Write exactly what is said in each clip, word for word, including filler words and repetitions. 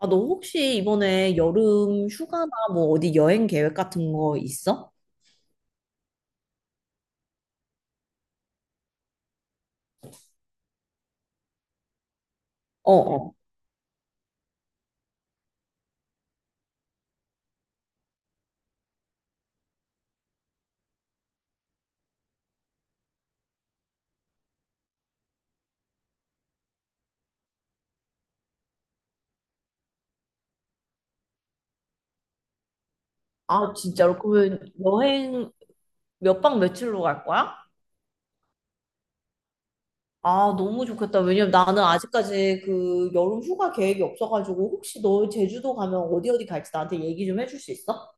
아, 너 혹시 이번에 여름 휴가나 뭐 어디 여행 계획 같은 거 있어? 어, 어. 아, 진짜로? 그러면 여행 몇 박 며칠로 갈 거야? 아, 너무 좋겠다. 왜냐면 나는 아직까지 그 여름 휴가 계획이 없어가지고 혹시 너 제주도 가면 어디 어디 갈지 나한테 얘기 좀 해줄 수 있어?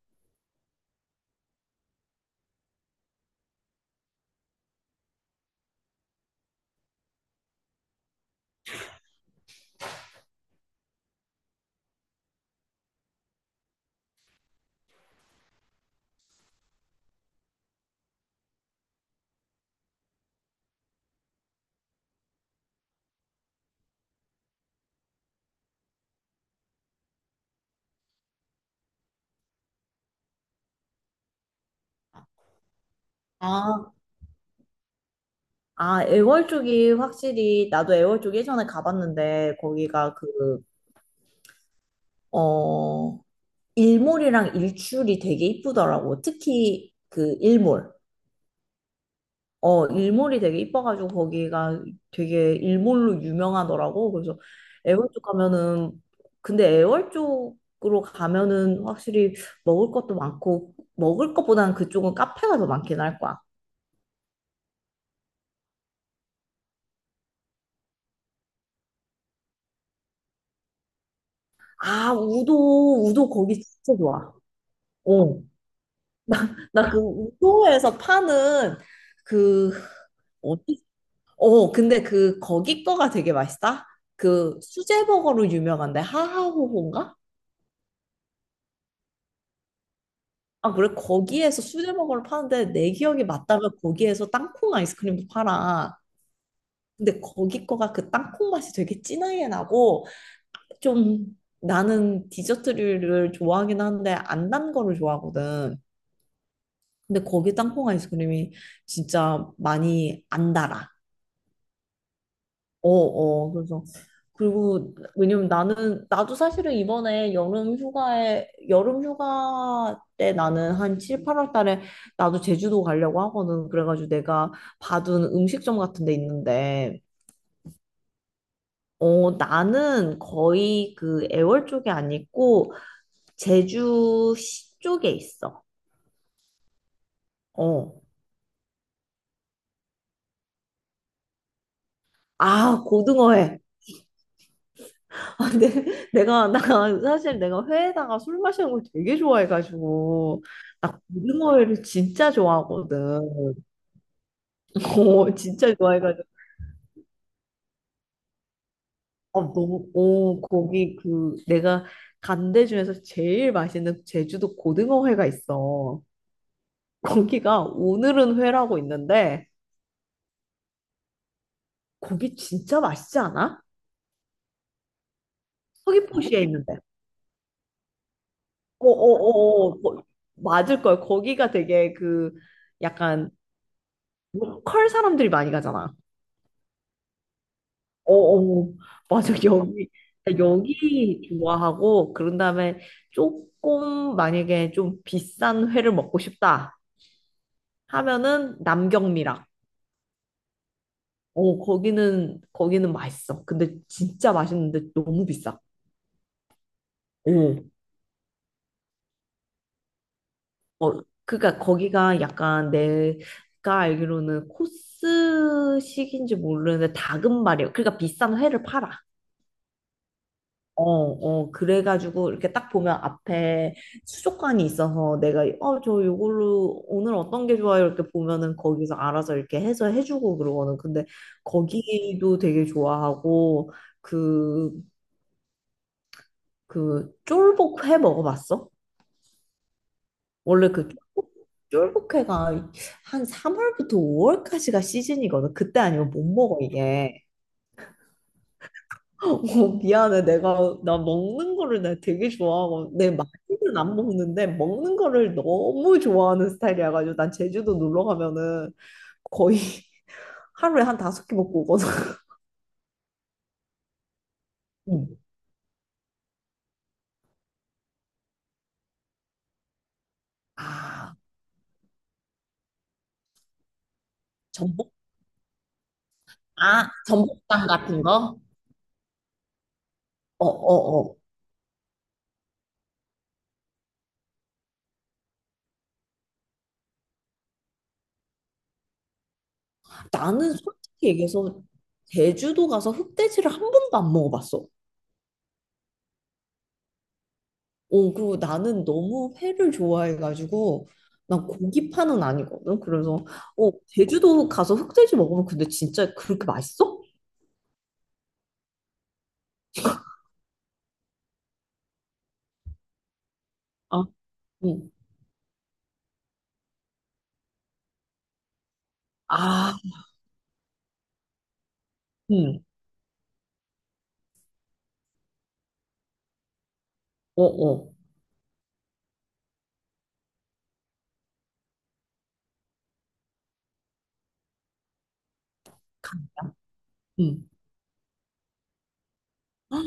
아, 아, 애월 쪽이 확실히 나도 애월 쪽 예전에 가봤는데 거기가 그, 어, 일몰이랑 일출이 되게 이쁘더라고. 특히 그 일몰. 어, 일몰이 되게 이뻐가지고 거기가 되게 일몰로 유명하더라고. 그래서 애월 쪽 가면은 근데 애월 쪽으로 가면은 확실히 먹을 것도 많고 먹을 것보다는 그쪽은 카페가 더 많긴 할 거야. 아, 우도 우도 거기 진짜 좋아. 어. 나 그 우도에서 파는 그 어디 어, 근데 그 거기 거가 되게 맛있다. 그 수제버거로 유명한데 하하호호인가? 아, 그래? 거기에서 수제버거를 파는데 내 기억이 맞다면 거기에서 땅콩 아이스크림도 팔아. 근데 거기 거가 그 땅콩 맛이 되게 진하게 나고 좀 나는 디저트류를 좋아하긴 하는데 안 단 거를 좋아하거든. 근데 거기 땅콩 아이스크림이 진짜 많이 안 달아. 어어. 그래서 그리고 왜냐면 나는 나도 사실은 이번에 여름 휴가에 여름 휴가 때 나는 한 칠, 팔월 달에 나도 제주도 가려고 하거든. 그래가지고 내가 봐둔 음식점 같은 데 있는데 어 나는 거의 그 애월 쪽에 안 있고 제주시 쪽에 있어. 어. 아, 고등어회. 아, 근데 내가 나 사실 내가 회에다가 술 마시는 걸 되게 좋아해가지고 나 고등어회를 진짜 좋아하거든. 어, 진짜 좋아해가지고. 어, 너무, 어, 거기 그, 내가 간데 중에서 제일 맛있는 제주도 고등어 회가 있어. 거기가 오늘은 회라고 있는데, 거기 진짜 맛있지 않아? 서귀포시에 있는데. 어, 어, 어, 어, 거- 맞을 걸. 거기가 되게 그, 약간, 로컬 사람들이 많이 가잖아. 어, 어, 맞아. 여기, 여기 좋아하고, 그런 다음에 조금, 만약에 좀 비싼 회를 먹고 싶다. 하면은 남경미락. 어, 거기는 거기는 맛있어. 근데 진짜 맛있는데 너무 비싸. 오. 어, 그러니까 거기가 약간 내가 알기로는 코스식인지 모르는데 닭은말이에요. 그러니까 비싼 회를 팔아. 어, 어, 그래가지고 이렇게 딱 보면 앞에 수족관이 있어서 내가 어, 저 요걸로 오늘 어떤 게 좋아요? 이렇게 보면은 거기서 알아서 이렇게 해서 해주고 그러거든. 근데 거기도 되게 좋아하고 그 그 쫄복회 먹어봤어? 원래 그 쫄복- 쫄복회가 한 삼월부터 오월까지가 시즌이거든. 그때 아니면 못 먹어 이게. 어, 미안해. 내가 나 먹는 거를 내가 되게 좋아하고 내 많이는 안 먹는데 먹는 거를 너무 좋아하는 스타일이라 가지고 난 제주도 놀러 가면은 거의 하루에 한 다섯 개 먹고 오거든. 음. 아, 전복? 아, 전복탕 같은 거? 어어어. 나는 솔직히 얘기해서 제주도 가서 흑돼지를 한 번도 안 먹어봤어. 어, 그리고 나는 너무 회를 좋아해가지고 난 고기파는 아니거든. 그래서 어, 제주도 가서 흑돼지 먹으면 근데 진짜 그렇게 맛있어? 아, 응. 아, 응. 어, 어. 가- 응. 아,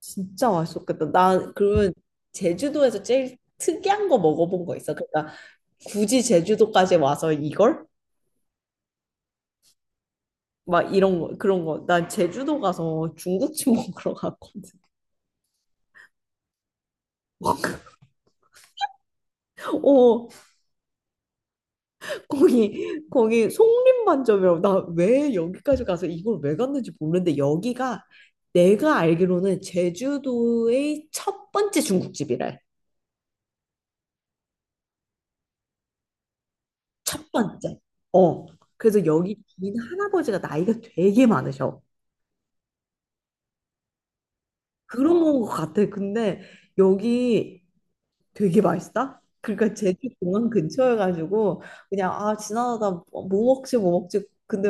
진짜 맛있었겠다. 나 그러면 제주도에서 제일 특이한 거 먹어본 거 있어? 그러니까 굳이 제주도까지 와서 이걸? 막 이런 거 그런 거. 난 제주도 가서 중국집 먹으러 갔거든. 어, 거기 거기 송림반점이라고 나 왜 여기까지 가서 이걸 왜 갔는지 모르는데 여기가 내가 알기로는 제주도의 첫 번째 중국집이래. 첫 번째. 어. 그래서 여기 주인 할아버지가 나이가 되게 많으셔. 그런 건 것 같아. 근데 여기 되게 맛있다? 그러니까 제주 공항 근처여가지고 그냥 아 지나가다 뭐 먹지 뭐 먹지. 근데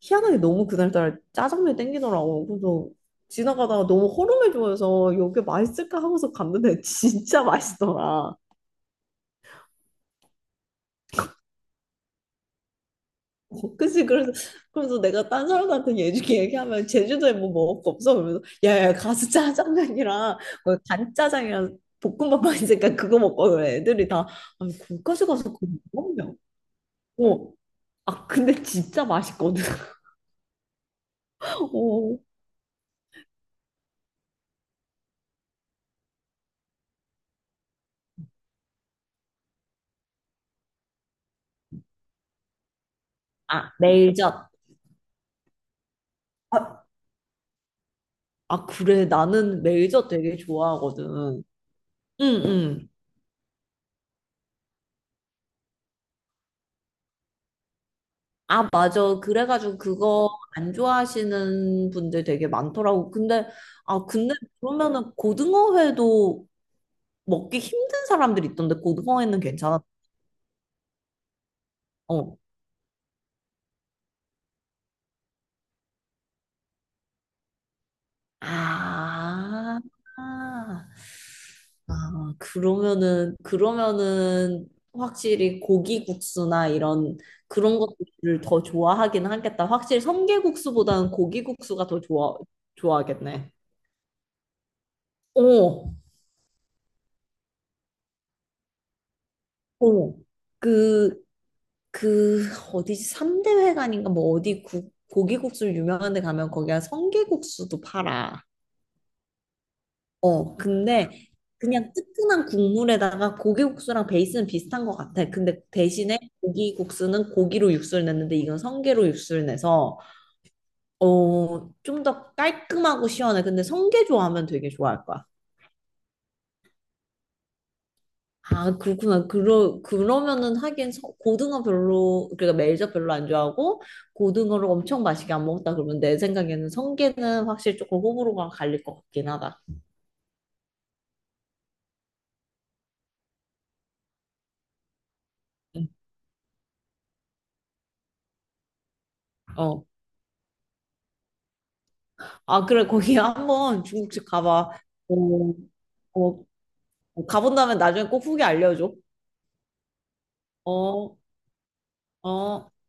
희한하게 너무 그날따라 짜장면이 땡기더라고. 그래서 지나가다가 너무 허름해 보여서 여기 맛있을까 하고서 갔는데 진짜 맛있더라. 어, 그치. 그래서 그래서 내가 딴 사람한테 얘기 얘기하면 제주도에 뭐 먹을 거 없어? 그러면서 야야, 가서 짜장면이랑 뭐 간짜장이랑 볶음밥 만 있으니까 그거 먹고 그래. 애들이 다 아니, 거기까지 가서 그거 먹냐? 어. 아, 근데 진짜 맛있거든. 어. 아, 일젓. 아, 아, 그래. 나는 일젓 되게 좋아하거든. 응, 응. 아, 맞아. 그래가지고 그거 안 좋아하시는 분들 되게 많더라고. 근데, 아, 근데 그러면은 고등어회도 먹기 힘든 사람들 있던데, 고등어회는 괜찮아. 어. 아. 아, 그러면은, 그러면은 확실히 고기국수나 이런 그런 것들을 더 좋아하긴 하겠다. 확실히 성게국수보다는 고기국수가 더 좋아, 좋아하겠네. 어, 어. 그, 그, 어디지? 삼대회관인가? 뭐 어디 국, 고기국수 유명한 데 가면 거기가 성게국수도 팔아. 어, 근데 그냥 뜨끈한 국물에다가 고기국수랑 베이스는 비슷한 것 같아. 근데 대신에 고기국수는 고기로 육수를 냈는데 이건 성게로 육수를 내서 어, 좀 더 깔끔하고 시원해. 근데 성게 좋아하면 되게 좋아할 거야. 아, 그렇구나. 그러, 그러면은 하긴 서- 고등어 별로, 그러니까 멜젓 별로 안 좋아하고 고등어를 엄청 맛있게 안 먹었다 그러면 내 생각에는 성게는 확실히 조금 호불호가 갈릴 것 같긴 하다. 응. 어. 아, 그래, 거기 한번 중국집 가봐. 어, 어, 가본다면 나중에 꼭 후기 알려줘. 어, 어.